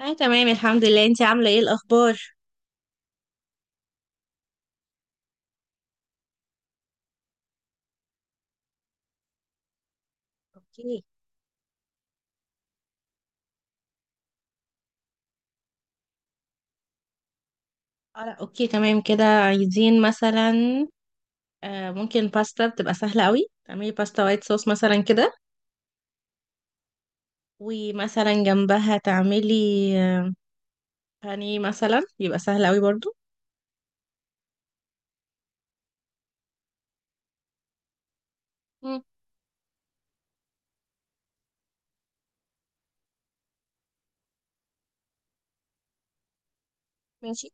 اه، تمام. الحمد لله. انتي عاملة ايه الأخبار؟ اوكي. اه، لا، اوكي، تمام كده. عايزين مثلا ممكن باستا، بتبقى سهلة قوي. تعملي باستا وايت صوص مثلا كده، ومثلا جنبها تعملي آه بانيه مثلا، يبقى سهل قوي برضو. مم. ماشي.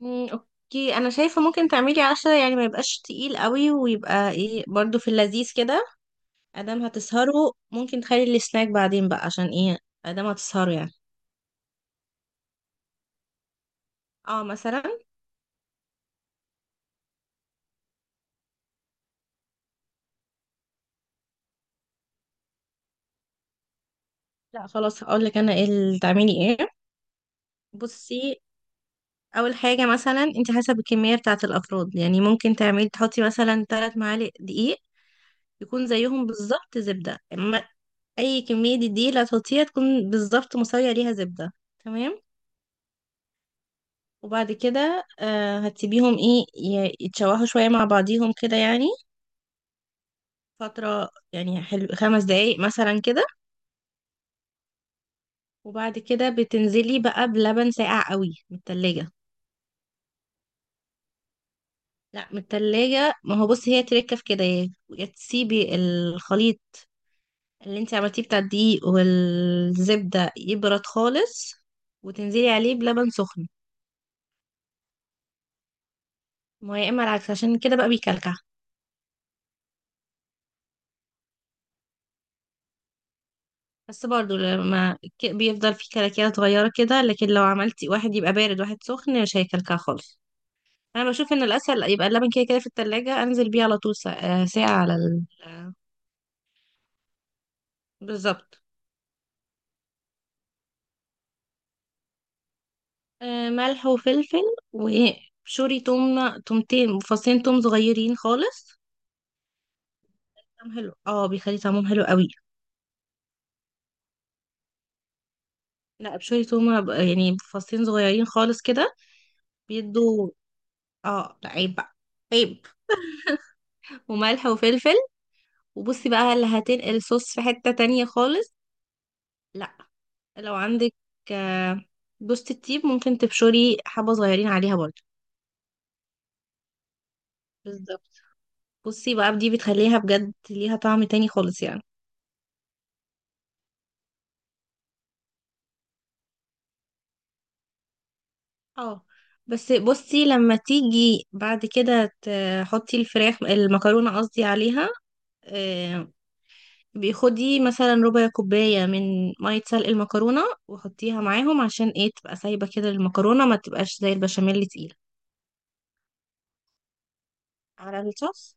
مم، اوكي، انا شايفة ممكن تعملي عشرة يعني، ما يبقاش تقيل قوي، ويبقى ايه برضو في اللذيذ كده. ادام هتسهروا ممكن تخلي السناك بعدين بقى، عشان ايه، ادام هتسهروا يعني. اه، مثلا. لا خلاص، هقول لك انا ايه اللي تعملي ايه. بصي، اول حاجه مثلا انت حسب الكميه بتاعه الافراد، يعني ممكن تحطي مثلا 3 معالق دقيق، يكون زيهم بالظبط زبده. اما اي كميه دقيق اللي هتحطيها، تكون بالظبط مساويه ليها زبده. تمام. وبعد كده هتسيبيهم ايه يتشوحوا شويه مع بعضيهم كده يعني، فتره يعني حلو، 5 دقايق مثلا كده. وبعد كده بتنزلي بقى بلبن ساقع قوي من التلاجة. لا، من التلاجة. ما هو بصي هي تركه في كده، يا تسيبي الخليط اللي انت عملتيه بتاع الدقيق والزبدة يبرد خالص، وتنزلي عليه بلبن سخن. ما هو يا اما العكس، عشان كده بقى بيكلكع. بس برضو لما بيفضل فيه كلاكيع صغيرة كده، لكن لو عملتي واحد يبقى بارد واحد سخن مش هيكلكع خالص. انا بشوف ان الاسهل يبقى اللبن كده كده في التلاجة، انزل بيه على طول ساعة، ساعة على ال... آه، بالظبط. آه، ملح وفلفل، وشوري توم، تومتين، فصين توم صغيرين خالص. طعم حلو، اه، بيخلي طعمهم حلو قوي. لا، بشوية تومة، يعني فصين صغيرين خالص كده. بيدوا. اه، لا عيب بقى. عيب. وملح وفلفل. وبصي بقى اللي هتنقل الصوص في حتة تانية خالص. لا. لو عندك آه، جوزة الطيب، ممكن تبشري حبة صغيرين عليها برضه. بالظبط. بصي بقى دي بتخليها بجد ليها طعم تاني خالص يعني. اه، بس بصي لما تيجي بعد كده تحطي المكرونة، قصدي، عليها، آه، بيخدي مثلا ربع كوباية من مية سلق المكرونة، وحطيها معاهم عشان ايه، تبقى سايبة كده المكرونة، ما تبقاش زي البشاميل تقيلة. على الصوص.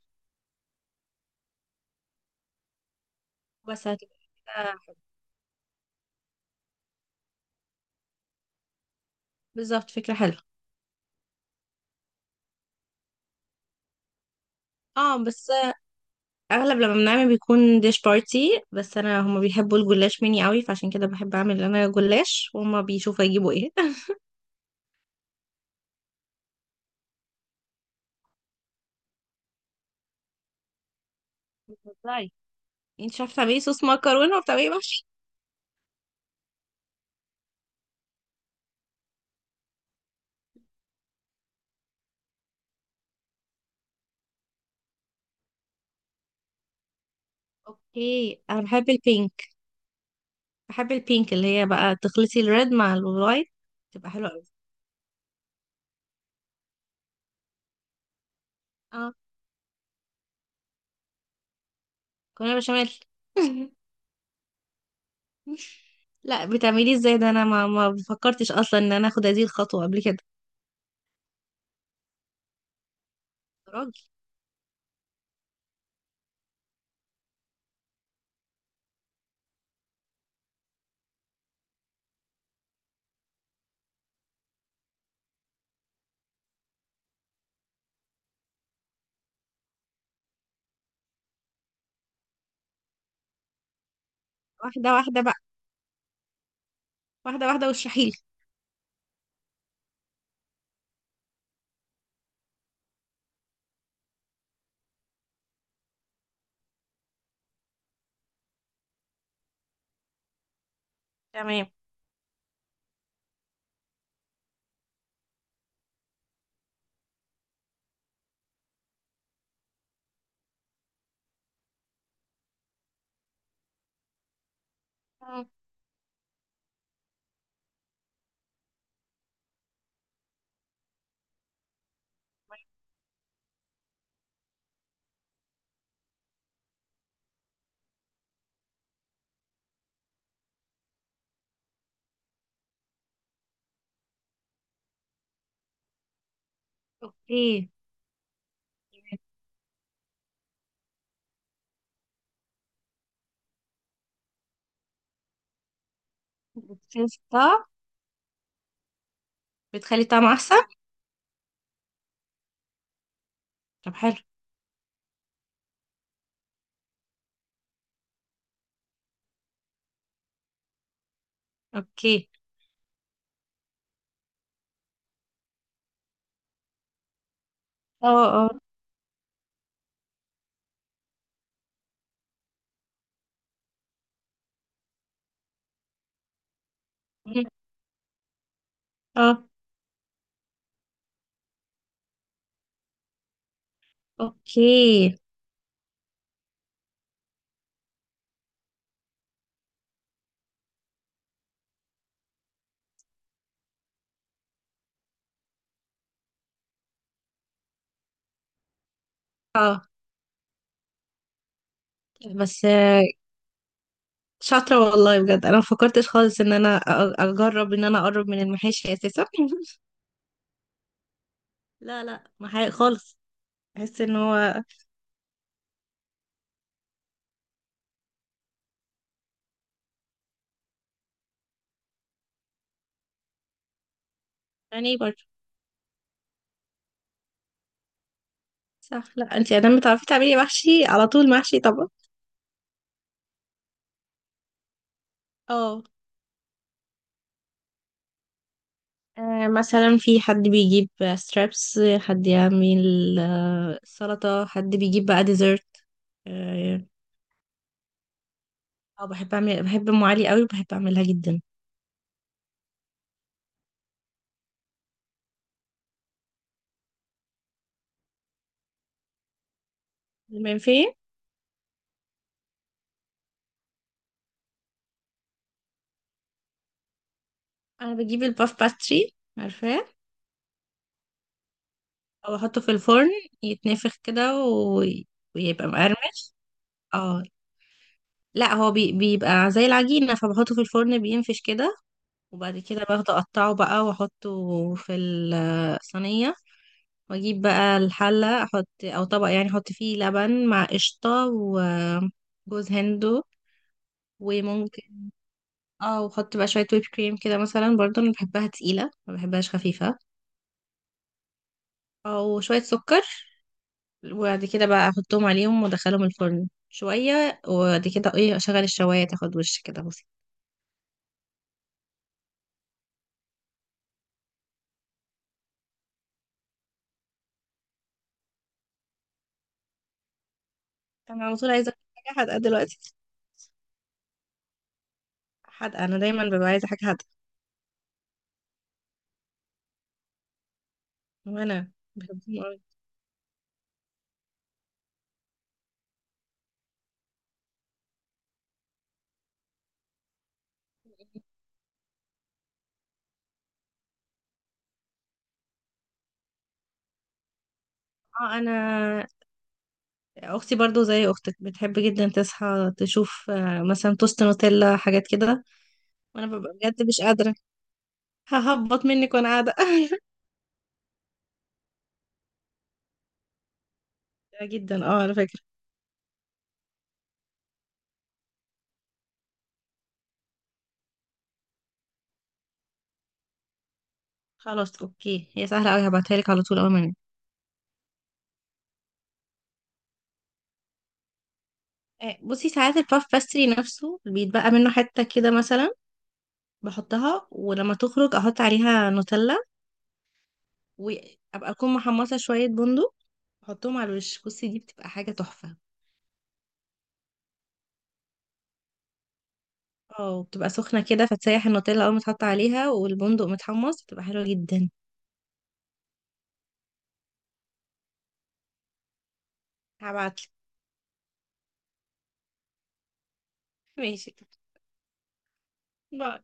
بس هتبقى كده- بالظبط. فكرة حلوة. اه بس، اغلب لما بنعمل بيكون ديش بارتي، بس انا هما بيحبوا الجلاش مني قوي، فعشان كده بحب اعمل انا جلاش، وهما بيشوفوا يجيبوا ايه. بتهزري، انت مش عارفه تعملي صوص مكرونه وبتعملي محشي. اوكي، انا بحب البينك. بحب البينك، اللي هي بقى تخلطي الريد مع الوايت، تبقى حلوه قوي. اه. مكرونه بشاميل. لا، بتعمليه ازاي؟ ده انا ما فكرتش اصلا ان انا اخد هذه الخطوه قبل كده. راجل. واحده واحده بقى. واحده واحده، واشرحيلي. تمام. مم. اوكي. بتفضى. بتخلي الطعم احسن. طب حلو. اوكي. اه، اه. مم. اه. اوكي. اه بس، شاطره والله، بجد انا ما فكرتش خالص ان انا اجرب ان انا اقرب من المحاشي اساسا. لا، لا، محاشي خالص. بحس ان هو يعني. صح، لا، انتي ادام بتعرفي تعملي محشي على طول، محشي طبعا. اه. مثلا في حد بيجيب ستريبس، حد يعمل سلطة، حد بيجيب بقى ديزرت. اه. بحب ام علي قوي، وبحب اعملها جدا. المنفيه. انا بجيب الباف باستري، عارفاه، او احطه في الفرن، يتنفخ كده ويبقى مقرمش. اه. لا، هو بيبقى زي العجينة، فبحطه في الفرن بينفش كده، وبعد كده باخده اقطعه بقى واحطه في الصينية. واجيب بقى الحلة، احط او طبق يعني، احط فيه لبن مع قشطة وجوز هندو وممكن، اه وحط بقى شوية ويب كريم كده مثلا برضه، انا بحبها تقيلة، ما بحبهاش خفيفة، او شوية سكر. وبعد كده بقى احطهم عليهم وادخلهم الفرن شوية، وبعد كده ايه اشغل الشواية تاخد وش كده. بصي، انا على طول عايزة حاجة حادقة دلوقتي. حادقة، انا دايما ببقى عايزة حاجة حادقة. وانا بحبهم. اه. انا اختي برضو زي اختك، بتحب جدا تصحى تشوف مثلا توست نوتيلا، حاجات كده. وانا ببقى بجد مش قادره، ههبط منك وانا قاعده. جدا، اه، على فكره. خلاص اوكي، هي سهله قوي، هبعتها لك على طول اول ما انام. بصي، ساعات الباف باستري نفسه بيتبقى منه حته كده مثلا، بحطها ولما تخرج احط عليها نوتيلا، وابقى اكون محمصه شويه بندق، احطهم على الوش، بصي دي بتبقى حاجه تحفه. اه، بتبقى سخنة كده فتسيح النوتيلا أول ما تحط عليها، والبندق متحمص، بتبقى حلوة جدا. هبعتلك. ماشي. باي.